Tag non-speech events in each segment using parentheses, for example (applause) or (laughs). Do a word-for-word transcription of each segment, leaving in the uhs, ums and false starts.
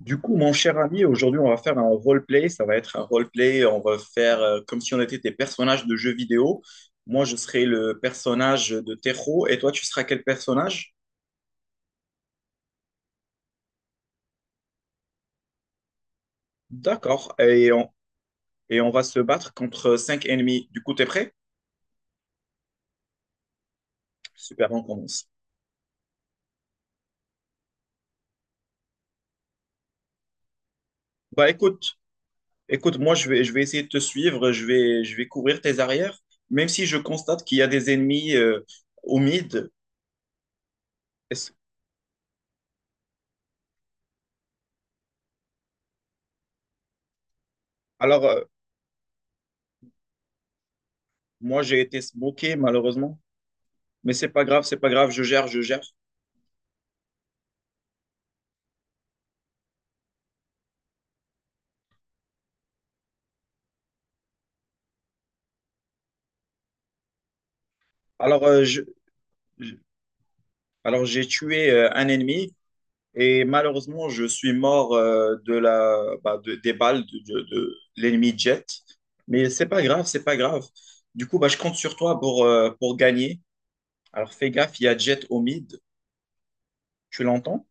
Du coup, mon cher ami, aujourd'hui, on va faire un roleplay. Ça va être un roleplay. On va faire euh, comme si on était des personnages de jeux vidéo. Moi, je serai le personnage de Tero et toi, tu seras quel personnage? D'accord. Et on, et on va se battre contre cinq ennemis. Du coup, t'es prêt? Super, on commence. Bah, écoute, écoute, moi, je vais, je vais essayer de te suivre. Je vais, je vais couvrir tes arrières, même si je constate qu'il y a des ennemis euh, au mid. Est-ce- Alors, euh, moi, j'ai été smoké, malheureusement. Mais c'est pas grave, c'est pas grave. Je gère, je gère. Alors, euh, je- je- alors j'ai tué euh, un ennemi et malheureusement, je suis mort euh, de la, bah, de- des balles de, de- de l'ennemi Jet. Mais c'est pas grave, c'est pas grave. Du coup, bah, je compte sur toi pour, euh, pour gagner. Alors, fais gaffe, il y a Jet au mid. Tu l'entends?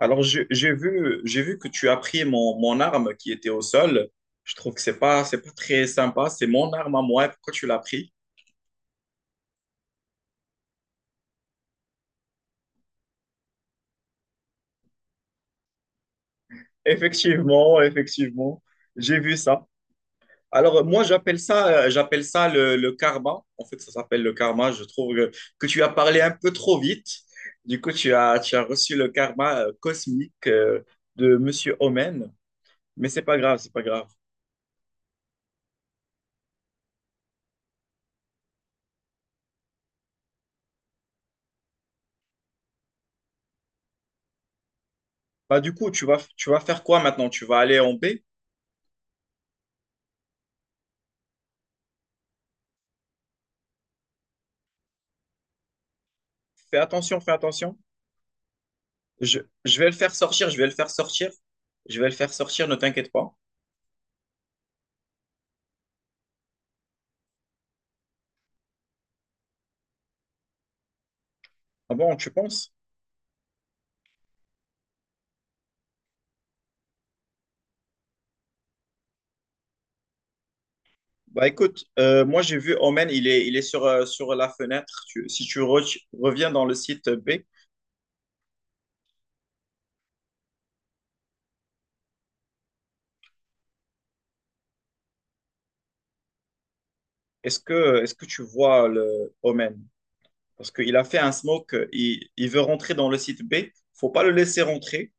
Alors, j'ai j'ai vu, j'ai vu que tu as pris mon, mon arme qui était au sol. Je trouve que c'est pas, c'est pas très sympa. C'est mon arme à moi. Pourquoi tu l'as pris? (laughs) Effectivement, effectivement. J'ai vu ça. Alors, moi, j'appelle ça, euh, j'appelle ça le, le karma. En fait, ça s'appelle le karma. Je trouve que, que tu as parlé un peu trop vite. Du coup, tu as, tu as reçu le karma euh, cosmique euh, de Monsieur Omen. Mais c'est pas grave, c'est pas grave. Bah, du coup, tu vas, tu vas faire quoi maintenant? Tu vas aller en B? Fais attention, fais attention. Je, je vais le faire sortir, je vais le faire sortir. Je vais le faire sortir, ne t'inquiète pas. Ah bon, tu penses? Bah écoute, euh, moi j'ai vu Omen, il est, il est sur, euh, sur la fenêtre. Tu- si tu re- reviens dans le site B, est-ce que, est-ce que tu vois le Omen? Parce qu'il a fait un smoke, euh, il, il veut rentrer dans le site B. Faut pas le laisser rentrer.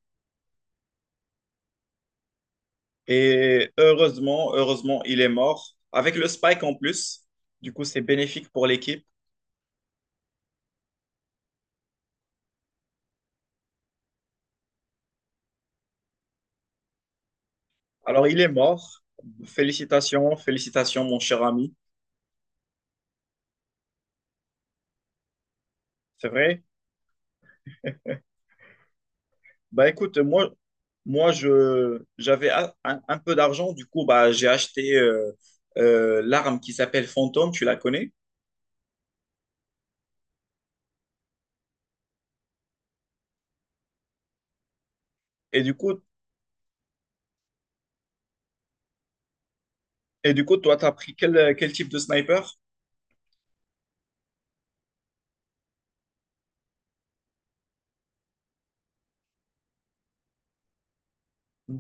Et heureusement, heureusement, il est mort. Avec le spike en plus. Du coup, c'est bénéfique pour l'équipe. Alors il est mort. Félicitations, félicitations, mon cher ami. C'est vrai? Bah écoute, moi, moi je j'avais a- un, un peu d'argent, du coup, bah j'ai acheté euh, euh, l'arme qui s'appelle Fantôme, tu la connais? Et du coup, et du coup, toi, t'as pris quel, quel type de sniper?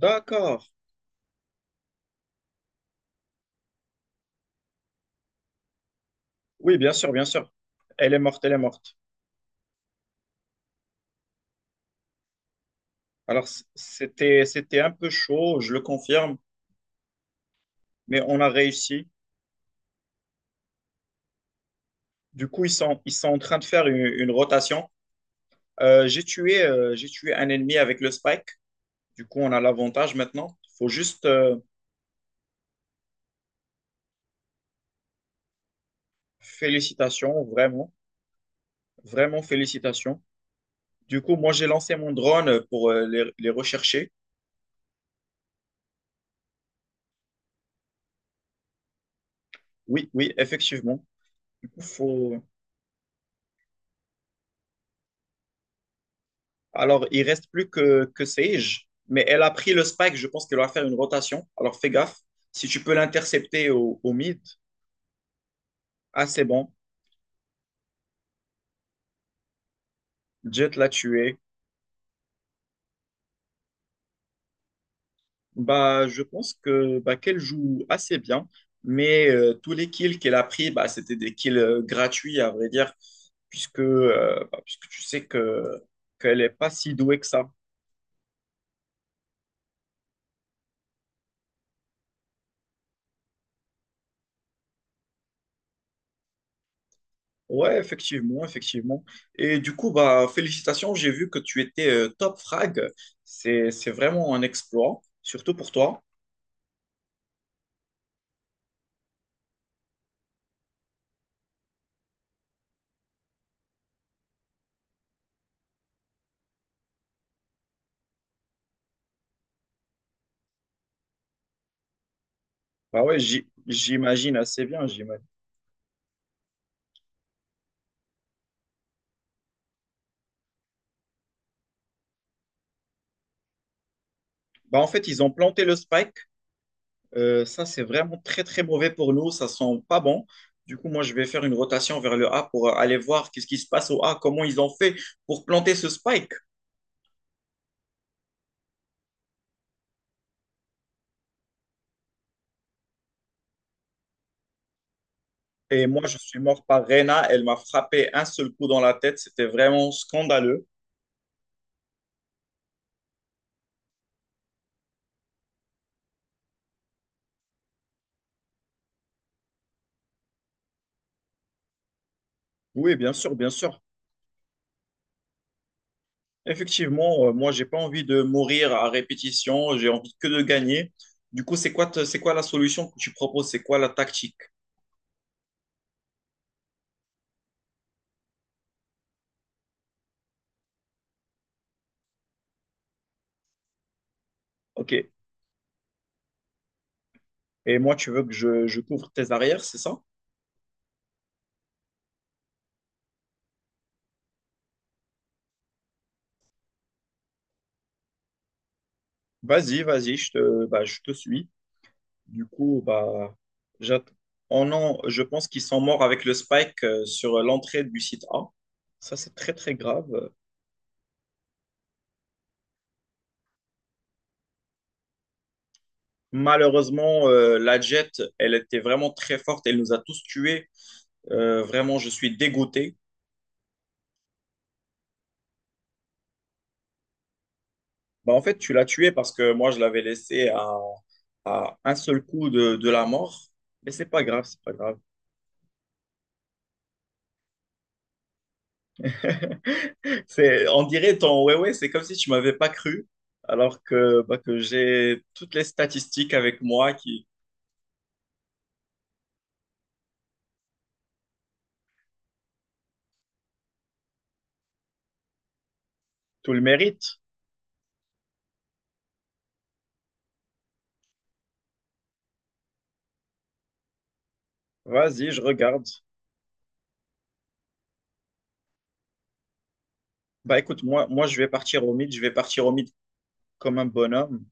D'accord. Oui, bien sûr, bien sûr. Elle est morte, elle est morte. Alors, c- c'était, c'était un peu chaud, je le confirme, mais on a réussi. Du coup, ils sont, ils sont en train de faire une, une rotation. Euh, j'ai tué, euh, j'ai tué un ennemi avec le spike. Du coup, on a l'avantage maintenant. Il Faut juste euh, félicitations, vraiment, vraiment félicitations. Du coup, moi, j'ai lancé mon drone pour euh, les, les rechercher. Oui, oui, effectivement. Du coup, faut... Alors, il reste plus que, que Sage, mais elle a pris le spike. Je pense qu'elle va faire une rotation. Alors, fais gaffe. Si tu peux l'intercepter au, au mid, ah, c'est bon. Jet l'a tué. Bah, je pense que bah, qu'elle joue assez bien, mais euh, tous les kills qu'elle a pris, bah, c'était des kills euh, gratuits, à vrai dire, puisque, euh, bah, puisque tu sais que qu'elle n'est pas si douée que ça. Ouais, effectivement, effectivement. Et du coup, bah, félicitations, j'ai vu que tu étais euh, top frag. C'est, c'est vraiment un exploit, surtout pour toi. Bah ouais, j'y- j'imagine assez bien, j'imagine. Bah, en fait, ils ont planté le spike. Euh, ça, c'est vraiment très, très mauvais pour nous. Ça sent pas bon. Du coup, moi, je vais faire une rotation vers le A pour euh, aller voir qu'est-ce qui se passe au A, comment ils ont fait pour planter ce spike. Et moi, je suis mort par Rena. Elle m'a frappé un seul coup dans la tête. C'était vraiment scandaleux. Oui, bien sûr, bien sûr. Effectivement, euh, moi, j'ai pas envie de mourir à répétition. J'ai envie que de gagner. Du coup, c'est quoi, te- c'est quoi la solution que tu proposes? C'est quoi la tactique? OK. Et moi, tu veux que je, je couvre tes arrières, c'est ça? Vas-y, vas-y, je te, bah, je te suis. Du coup, bah, j'att- oh non, je pense qu'ils sont morts avec le spike euh, sur l'entrée du site A. Ça, c'est très, très grave. Malheureusement, euh, la Jet, elle était vraiment très forte. Elle nous a tous tués. Euh, vraiment, je suis dégoûté. Bah, en fait, tu l'as tué parce que moi, je l'avais laissé à, à un seul coup de, de la mort. Mais c'est pas grave, c'est pas grave. (laughs) C'est, on dirait ton ouais ouais, c'est comme si tu m'avais pas cru, alors que, bah, que j'ai toutes les statistiques avec moi qui Tout le mérite. Vas-y, je regarde. Bah écoute, moi, moi je vais partir au mid, je vais partir au mid comme un bonhomme.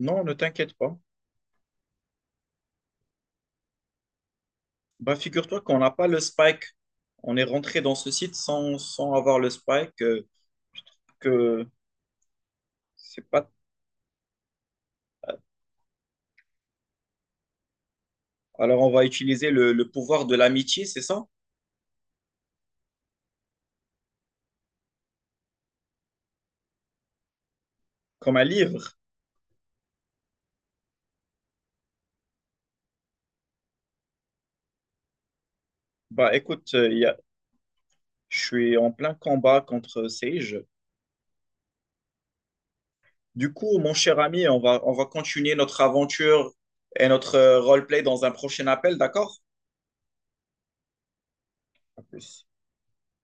Non, ne t'inquiète pas. Bah figure-toi qu'on n'a pas le spike. On est rentré dans ce site sans, sans avoir le spike. euh, que c'est pas. Alors on va utiliser le, le pouvoir de l'amitié, c'est ça? Comme un livre. Bah écoute, euh, il y a- je suis en plein combat contre Sage. Du coup, mon cher ami, on va, on va continuer notre aventure et notre euh, roleplay dans un prochain appel, d'accord? À plus.